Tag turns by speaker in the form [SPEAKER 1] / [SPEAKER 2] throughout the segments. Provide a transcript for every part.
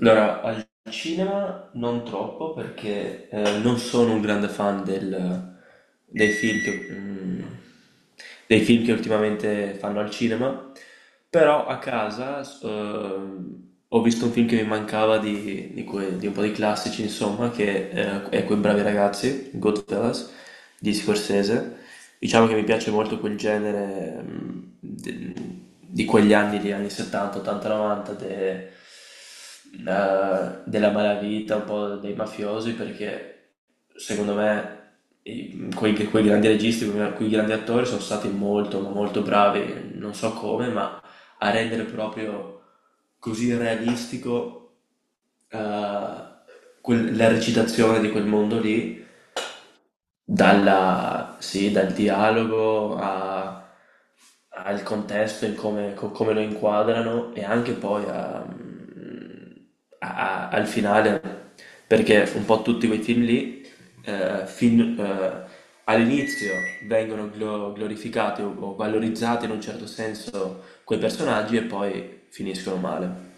[SPEAKER 1] Allora, al cinema non troppo perché non sono un grande fan dei film che, dei film che ultimamente fanno al cinema, però a casa ho visto un film che mi mancava di di un po' di classici, insomma, che è Quei bravi ragazzi, Goodfellas, di Scorsese. Diciamo che mi piace molto quel genere di quegli anni, gli anni 70, 80, 90, della malavita, un po' dei mafiosi, perché secondo me quei, quei grandi registi, quei grandi attori sono stati molto, ma molto bravi, non so come, ma a rendere proprio così realistico eh, la recitazione di quel mondo lì dalla, sì, dal dialogo al contesto, in come, come lo inquadrano e anche poi a- al finale, perché un po' tutti quei film lì, eh, fin- eh, all'inizio vengono glorificati o valorizzati in un certo senso quei personaggi e poi finiscono male.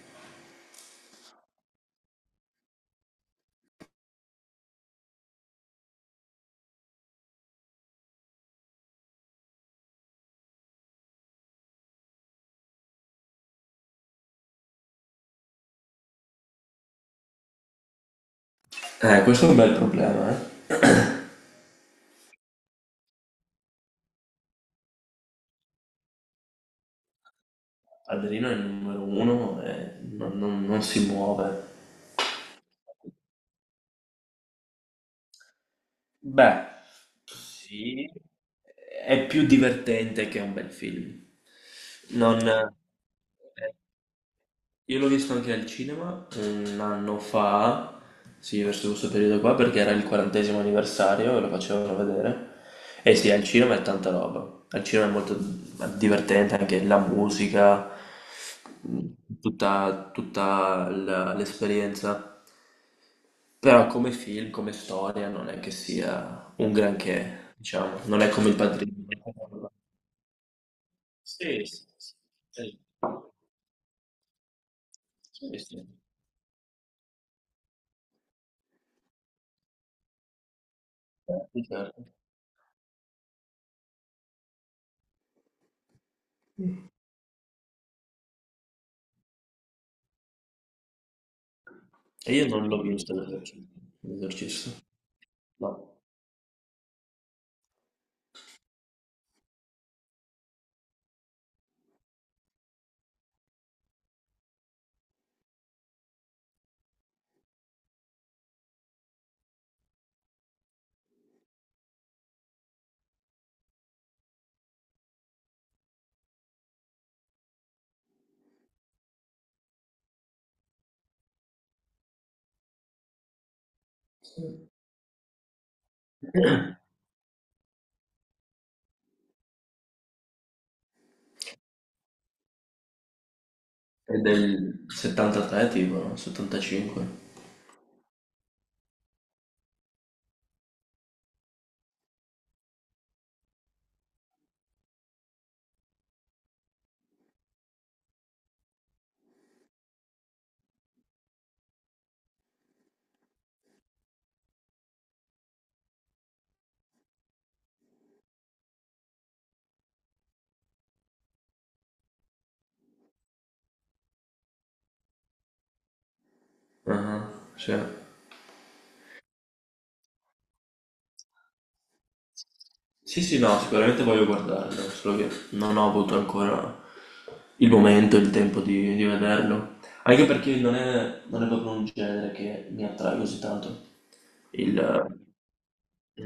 [SPEAKER 1] Questo è un bel problema, eh. Adrino è il numero uno e non si muove. Beh, sì, è più divertente che un bel film. Non... Io l'ho visto anche al cinema un anno fa, sì, verso questo periodo qua, perché era il 40º anniversario e lo facevano vedere. E sì, al cinema è tanta roba. Al cinema è molto divertente anche la musica, tutta, l'esperienza. Però come film, come storia, non è che sia un granché, diciamo, non è come Il Padrino. Sì, sì, sì. Sì, sì, sì. Certo, certo. E io non l'ho visto l'esorcista. L'esorcista. No. È del 73 tipo, no? 75. Ah, sì. Sì, sì, no, sicuramente voglio guardarlo, solo che non ho avuto ancora il momento, il tempo di vederlo, anche perché non è, non è proprio un genere che mi attrae così tanto. Il,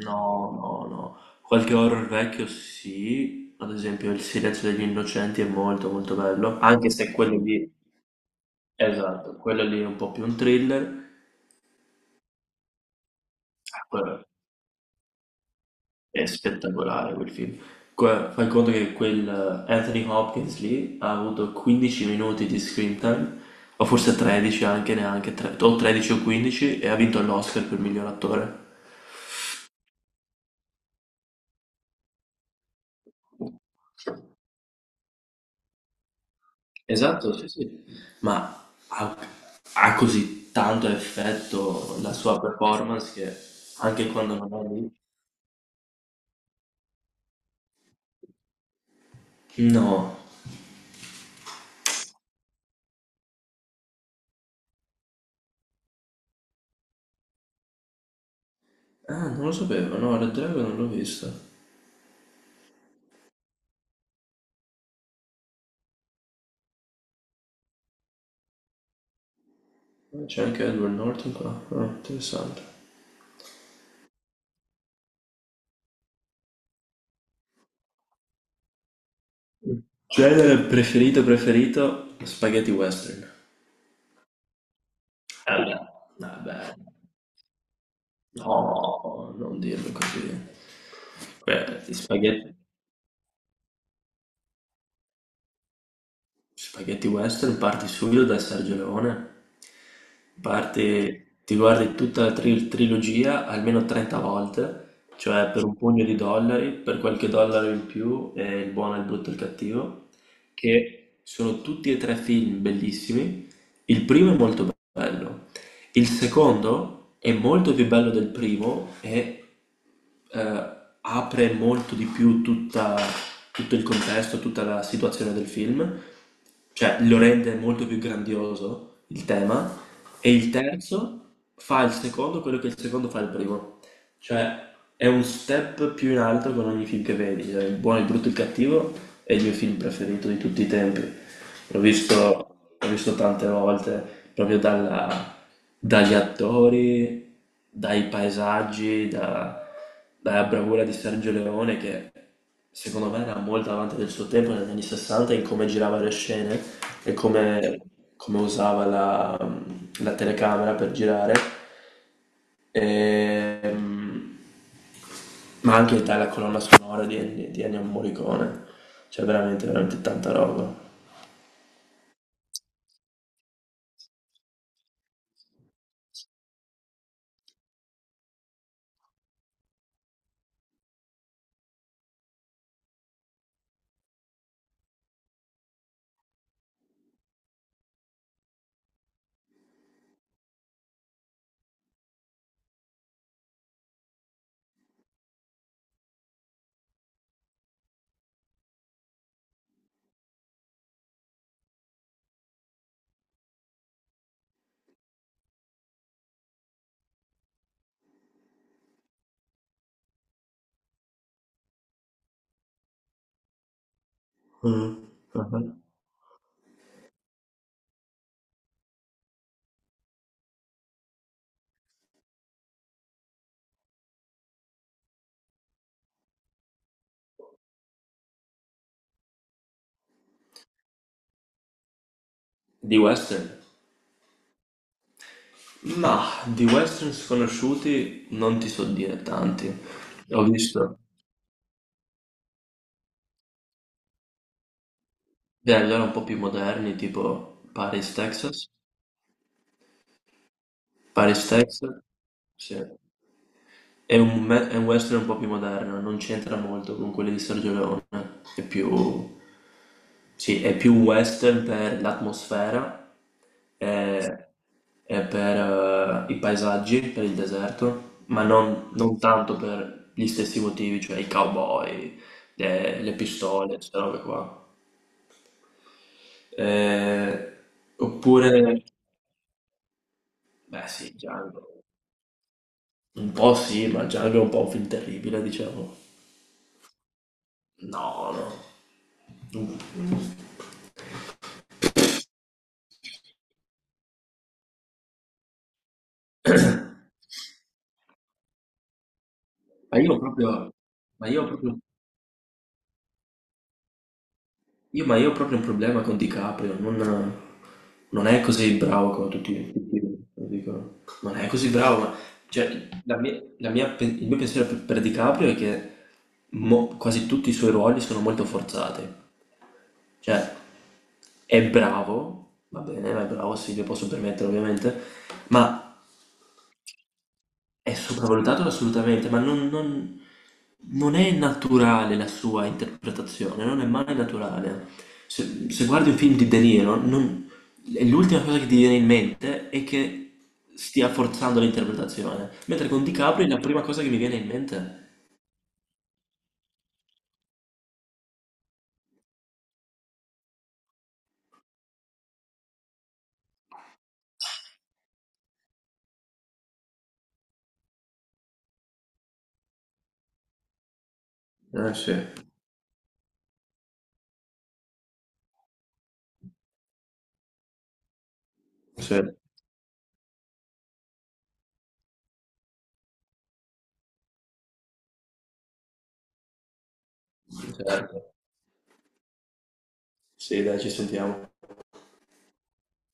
[SPEAKER 1] no, no, no, qualche horror vecchio sì, ad esempio Il silenzio degli innocenti è molto molto bello, anche se quello lì, esatto, quello lì è un po' più un thriller. È spettacolare quel film. Fai conto che quel Anthony Hopkins lì ha avuto 15 minuti di screen time, o forse 13 anche, o 13 o 15, e ha vinto l'Oscar per miglior attore. Esatto, sì, sì. Ma ha, ha così tanto effetto la sua performance che anche quando non è lì... No. Ah, non lo sapevo, no, Red Dragon non l'ho visto. C'è anche Edward Norton qua. Ah, interessante. Genere preferito preferito? Spaghetti western. Vabbè, vabbè. No, non dirlo così. Beh, gli spaghetti, spaghetti western parti subito da Sergio Leone. Parti, ti guardi tutta la trilogia almeno 30 volte, cioè per un pugno di dollari, per qualche dollaro in più, e il buono, il brutto e il cattivo, che sono tutti e tre film bellissimi. Il primo è molto bello. Il secondo è molto più bello del primo e eh, apre molto di più tutto il contesto, tutta la situazione del film, cioè lo rende molto più grandioso il tema. E il terzo fa il secondo quello che il secondo fa il primo. Cioè, è un step più in alto con ogni film che vedi, cioè, Il buono, il brutto e il cattivo è il mio film preferito di tutti i tempi. L'ho visto tante volte, proprio dagli attori, dai paesaggi, dalla bravura di Sergio Leone che secondo me era molto avanti del suo tempo negli anni 60 in come girava le scene e come, come usava la telecamera per girare. Ehm, ma anche dalla colonna sonora di Ennio Morricone, cioè veramente, veramente tanta roba. Mm, mhm. Di western? Ma di western sconosciuti non ti so dire tanti. Ho visto allora un po' più moderni, tipo Paris, Texas. Paris, Texas, sì. È un western un po' più moderno, non c'entra molto con quelli di Sergio Leone, è più... Sì, è più western per l'atmosfera. Sì. E, e per i paesaggi, per il deserto, ma non, non tanto per gli stessi motivi, cioè i cowboy, le pistole, queste robe qua. Eh, oppure, beh sì, Django. Un po' sì, ma Django è un po' un film terribile, diciamo. No, no. Mm. Ma io proprio, ma io proprio... ma io ho proprio un problema con DiCaprio, non, non è così bravo come tutti, tutti lo dicono. Non è così bravo, ma cioè, il mio pensiero per DiCaprio è che quasi tutti i suoi ruoli sono molto forzati. Cioè, è bravo, va bene, è bravo, sì, lo posso permettere ovviamente, ma è sopravvalutato assolutamente, ma non è naturale la sua interpretazione, non è mai naturale. Se guardi un film di De Niro, l'ultima cosa che ti viene in mente è che stia forzando l'interpretazione, mentre con DiCaprio è la prima cosa che mi viene in mente. Eh sì, sì, certo. Sì, dai, ci sentiamo.